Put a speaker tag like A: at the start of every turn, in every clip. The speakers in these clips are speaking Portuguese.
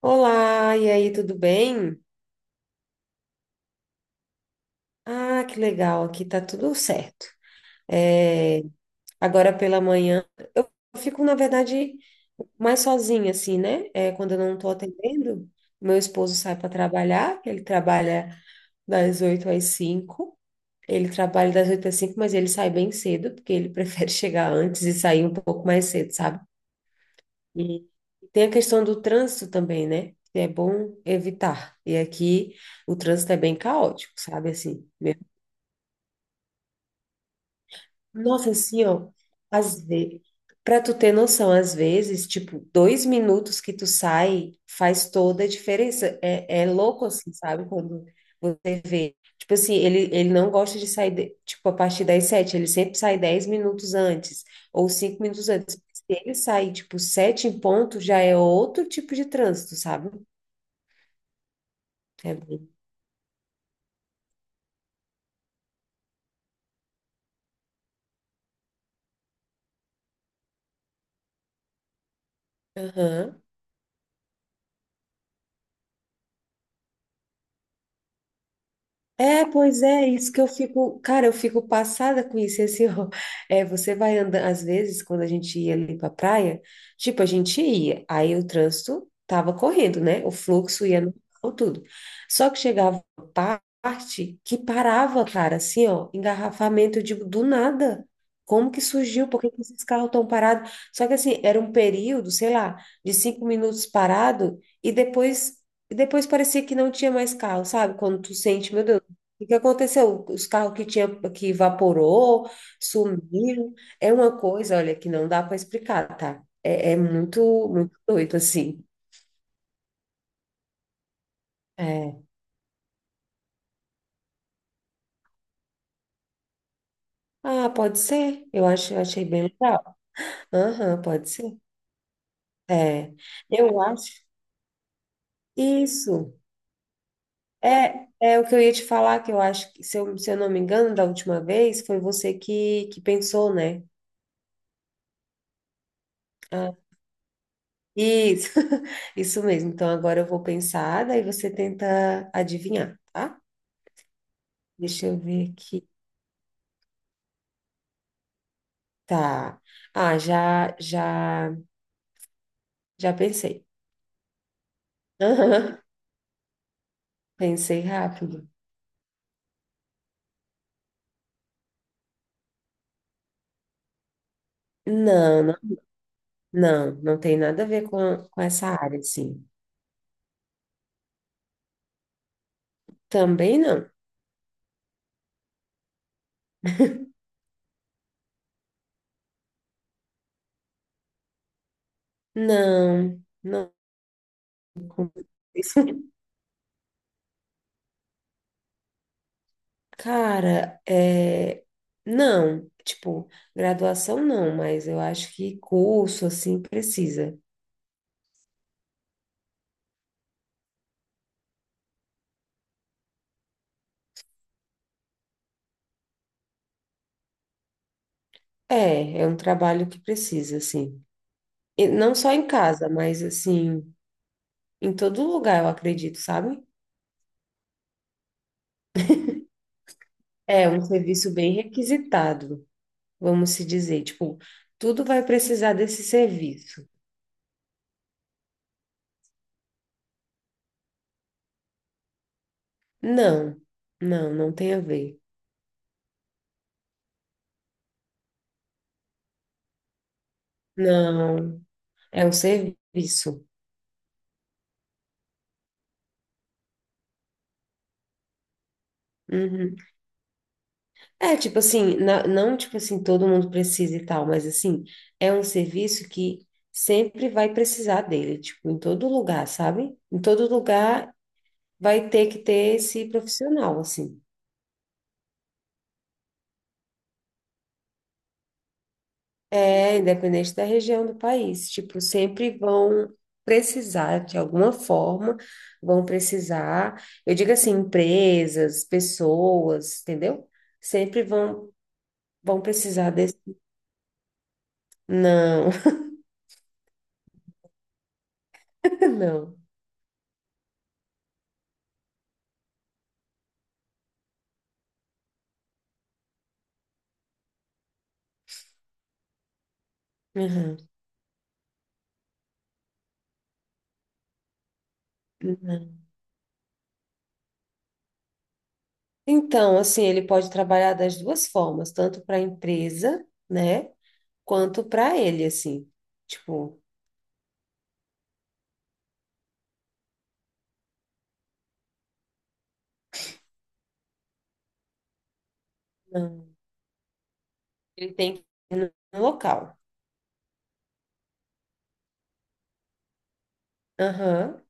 A: Olá, e aí, tudo bem? Ah, que legal, aqui tá tudo certo. É, agora pela manhã, eu fico, na verdade, mais sozinha, assim, né? É, quando eu não tô atendendo, meu esposo sai para trabalhar, ele trabalha das 8 às 5. Mas ele sai bem cedo, porque ele prefere chegar antes e sair um pouco mais cedo, sabe? E tem a questão do trânsito também, né? Que é bom evitar. E aqui o trânsito é bem caótico, sabe? Nossa, assim, ó, às vezes, para tu ter noção, às vezes, tipo, 2 minutos que tu sai faz toda a diferença. É, é louco, assim, sabe? Quando você vê. Tipo assim, ele não gosta de sair, tipo, a partir das sete, ele sempre sai 10 minutos antes, ou 5 minutos antes. Se ele sair, tipo, sete em ponto, já é outro tipo de trânsito, sabe? É bem. Aham. É, pois é, isso que eu fico, cara, eu fico passada com isso, e assim, ó, é, você vai andando, às vezes, quando a gente ia ali pra praia, tipo, a gente ia, aí o trânsito tava correndo, né, o fluxo ia no tudo, só que chegava uma parte que parava, cara, assim, ó, engarrafamento, eu digo, do nada, como que surgiu, por que que esses carros estão parados? Só que assim, era um período, sei lá, de 5 minutos parado, e depois. E depois parecia que não tinha mais carro, sabe? Quando tu sente, meu Deus. O que aconteceu? Os carros que tinha que evaporou, sumiram. É uma coisa, olha, que não dá para explicar, tá? É, é muito, muito doido assim. É. Ah, pode ser. Eu achei bem legal. Aham, pode ser. É. Eu acho. Isso. É, é o que eu ia te falar, que eu acho que, se eu não me engano, da última vez, foi você que pensou, né? Ah, isso. Isso mesmo. Então agora eu vou pensar, daí você tenta adivinhar, tá? Deixa eu ver aqui. Tá. Ah, já pensei. Aham, pensei rápido. Não, não, não, não tem nada a ver com essa área, assim. Também não. Não, não. Cara, é... não, tipo, graduação não, mas eu acho que curso, assim, precisa. É, é um trabalho que precisa, assim. E não só em casa, mas, assim, em todo lugar, eu acredito, sabe? É um serviço bem requisitado, vamos se dizer. Tipo, tudo vai precisar desse serviço. Não, não, não tem a ver. Não, é um serviço. Uhum. É, tipo assim, não tipo assim, todo mundo precisa e tal, mas assim, é um serviço que sempre vai precisar dele, tipo, em todo lugar, sabe? Em todo lugar vai ter que ter esse profissional, assim. É, independente da região do país, tipo, sempre vão precisar, de alguma forma, vão precisar, eu digo assim, empresas, pessoas, entendeu? Sempre vão, vão precisar desse. Não, não. Uhum. Então, assim, ele pode trabalhar das duas formas, tanto para a empresa, né, quanto para ele, assim. Tipo, não. Ele tem que ir no local. Aham.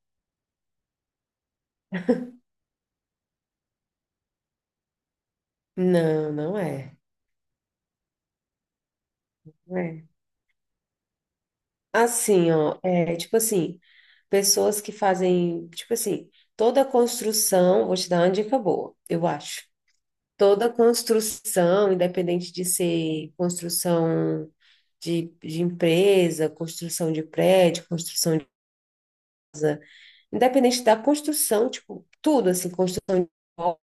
A: Não, não é. Não é. Assim, ó, é tipo assim, pessoas que fazem, tipo assim, toda construção, vou te dar uma dica boa, eu acho. Toda construção, independente de ser construção de empresa, construção de prédio, construção de, independente da construção, tipo, tudo assim, construção de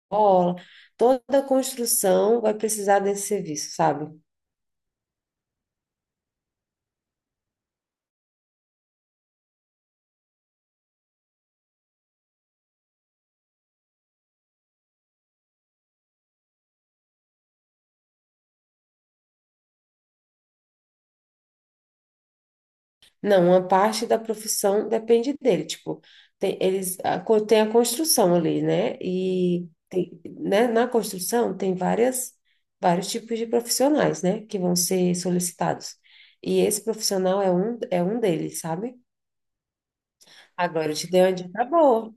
A: escola, toda construção vai precisar desse serviço, sabe? Não, uma parte da profissão depende dele. Tipo, tem, tem a construção ali, né? E tem, né, na construção tem várias, vários tipos de profissionais, né? Que vão ser solicitados. E esse profissional é um deles, sabe? Agora eu te dei uma dica boa.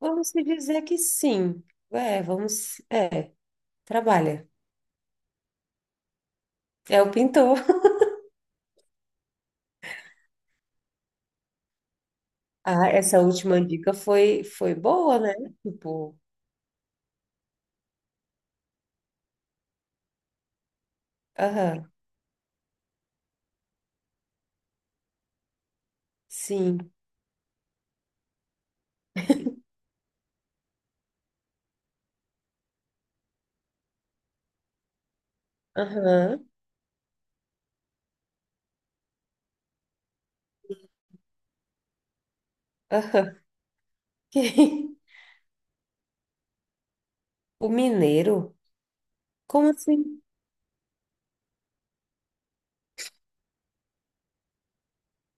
A: Vamos se dizer que sim. É, vamos. É, trabalha. É o pintor. Ah, essa última dica foi boa, né? Tipo, aham, sim, aham. Que- O mineiro? Como assim?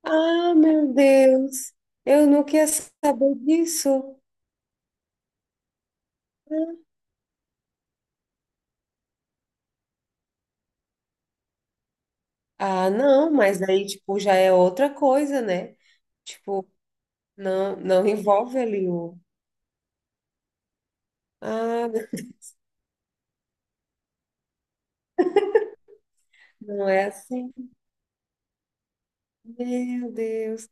A: Ah, meu Deus! Eu não queria saber disso. Ah, não, mas daí, tipo, já é outra coisa, né? Tipo, não, não envolve ali o. Ah, não é assim. Meu Deus.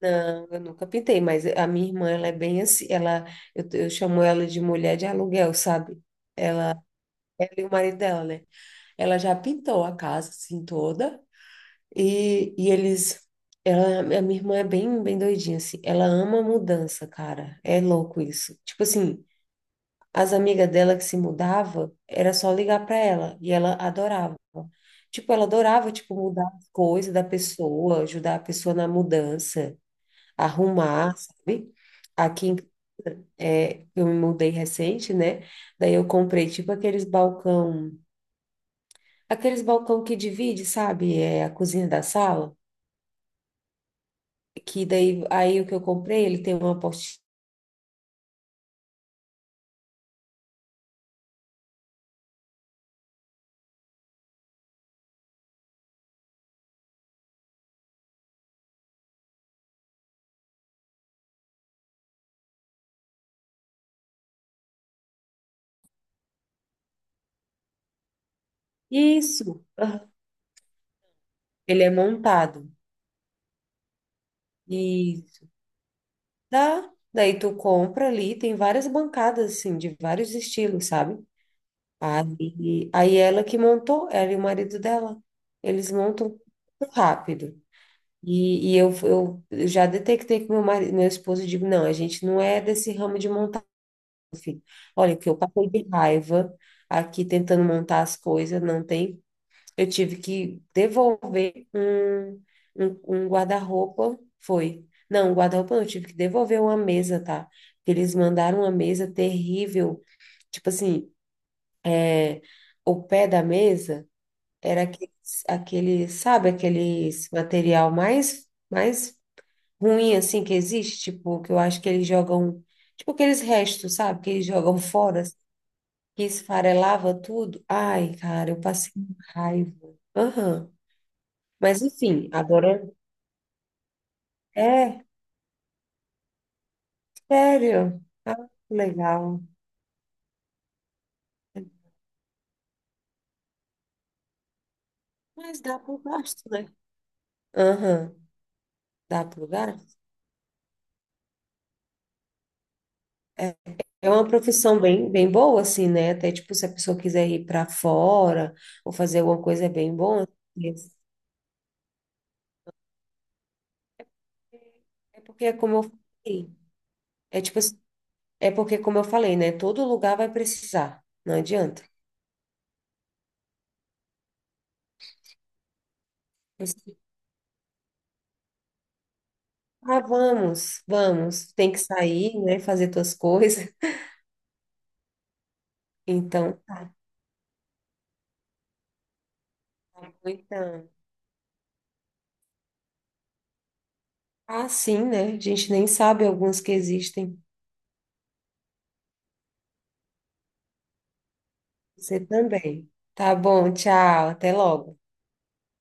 A: Não, eu nunca pintei, mas a minha irmã, ela é bem assim. Ela, eu chamo ela de mulher de aluguel, sabe? Ela e o marido dela, né? Ela já pintou a casa, assim, toda. E eles. Ela, a minha irmã é bem, bem doidinha, assim. Ela ama mudança, cara. É louco isso. Tipo assim, as amigas dela que se mudava, era só ligar pra ela. E ela adorava. Tipo, ela adorava, tipo, mudar as coisas da pessoa, ajudar a pessoa na mudança, arrumar, sabe? Aqui, em- é, eu me mudei recente, né? Daí eu comprei, tipo, aqueles balcão que divide, sabe? É a cozinha da sala. Que daí aí o que eu comprei, ele tem uma apostila. Isso. Aham. Ele é montado. E tá, daí tu compra ali, tem várias bancadas assim, de vários estilos, sabe? Aí ela que montou, ela e o marido dela. Eles montam muito rápido. E eu já detectei que meu marido, meu esposo, eu digo, não, a gente não é desse ramo de montar, filho. Olha, que eu passei de raiva aqui tentando montar as coisas, não tem. Eu tive que devolver um guarda-roupa, foi. Não, um guarda-roupa não, eu tive que devolver uma mesa, tá? Porque eles mandaram uma mesa terrível. Tipo assim, o pé da mesa era aqueles, aquele, sabe, aqueles material mais ruim, assim, que existe, tipo, que eu acho que eles jogam, tipo aqueles restos, sabe, que eles jogam fora, assim, que esfarelava tudo. Ai, cara, eu passei raiva. Aham. Mas enfim, agora é, sério. Ah, que legal. Mas dá pro gasto, né? Aham, dá pro gasto. É, é uma profissão bem, bem boa, assim, né? Até, tipo, se a pessoa quiser ir para fora ou fazer alguma coisa, é bem bom. É porque, é como eu falei, é tipo, assim, é porque, como eu falei, né? Todo lugar vai precisar, não adianta. Mas, ah, vamos, vamos, tem que sair, né? Fazer tuas coisas. Então, tá bom, então. Ah, sim, né? A gente nem sabe alguns que existem. Você também. Tá bom, tchau, até logo.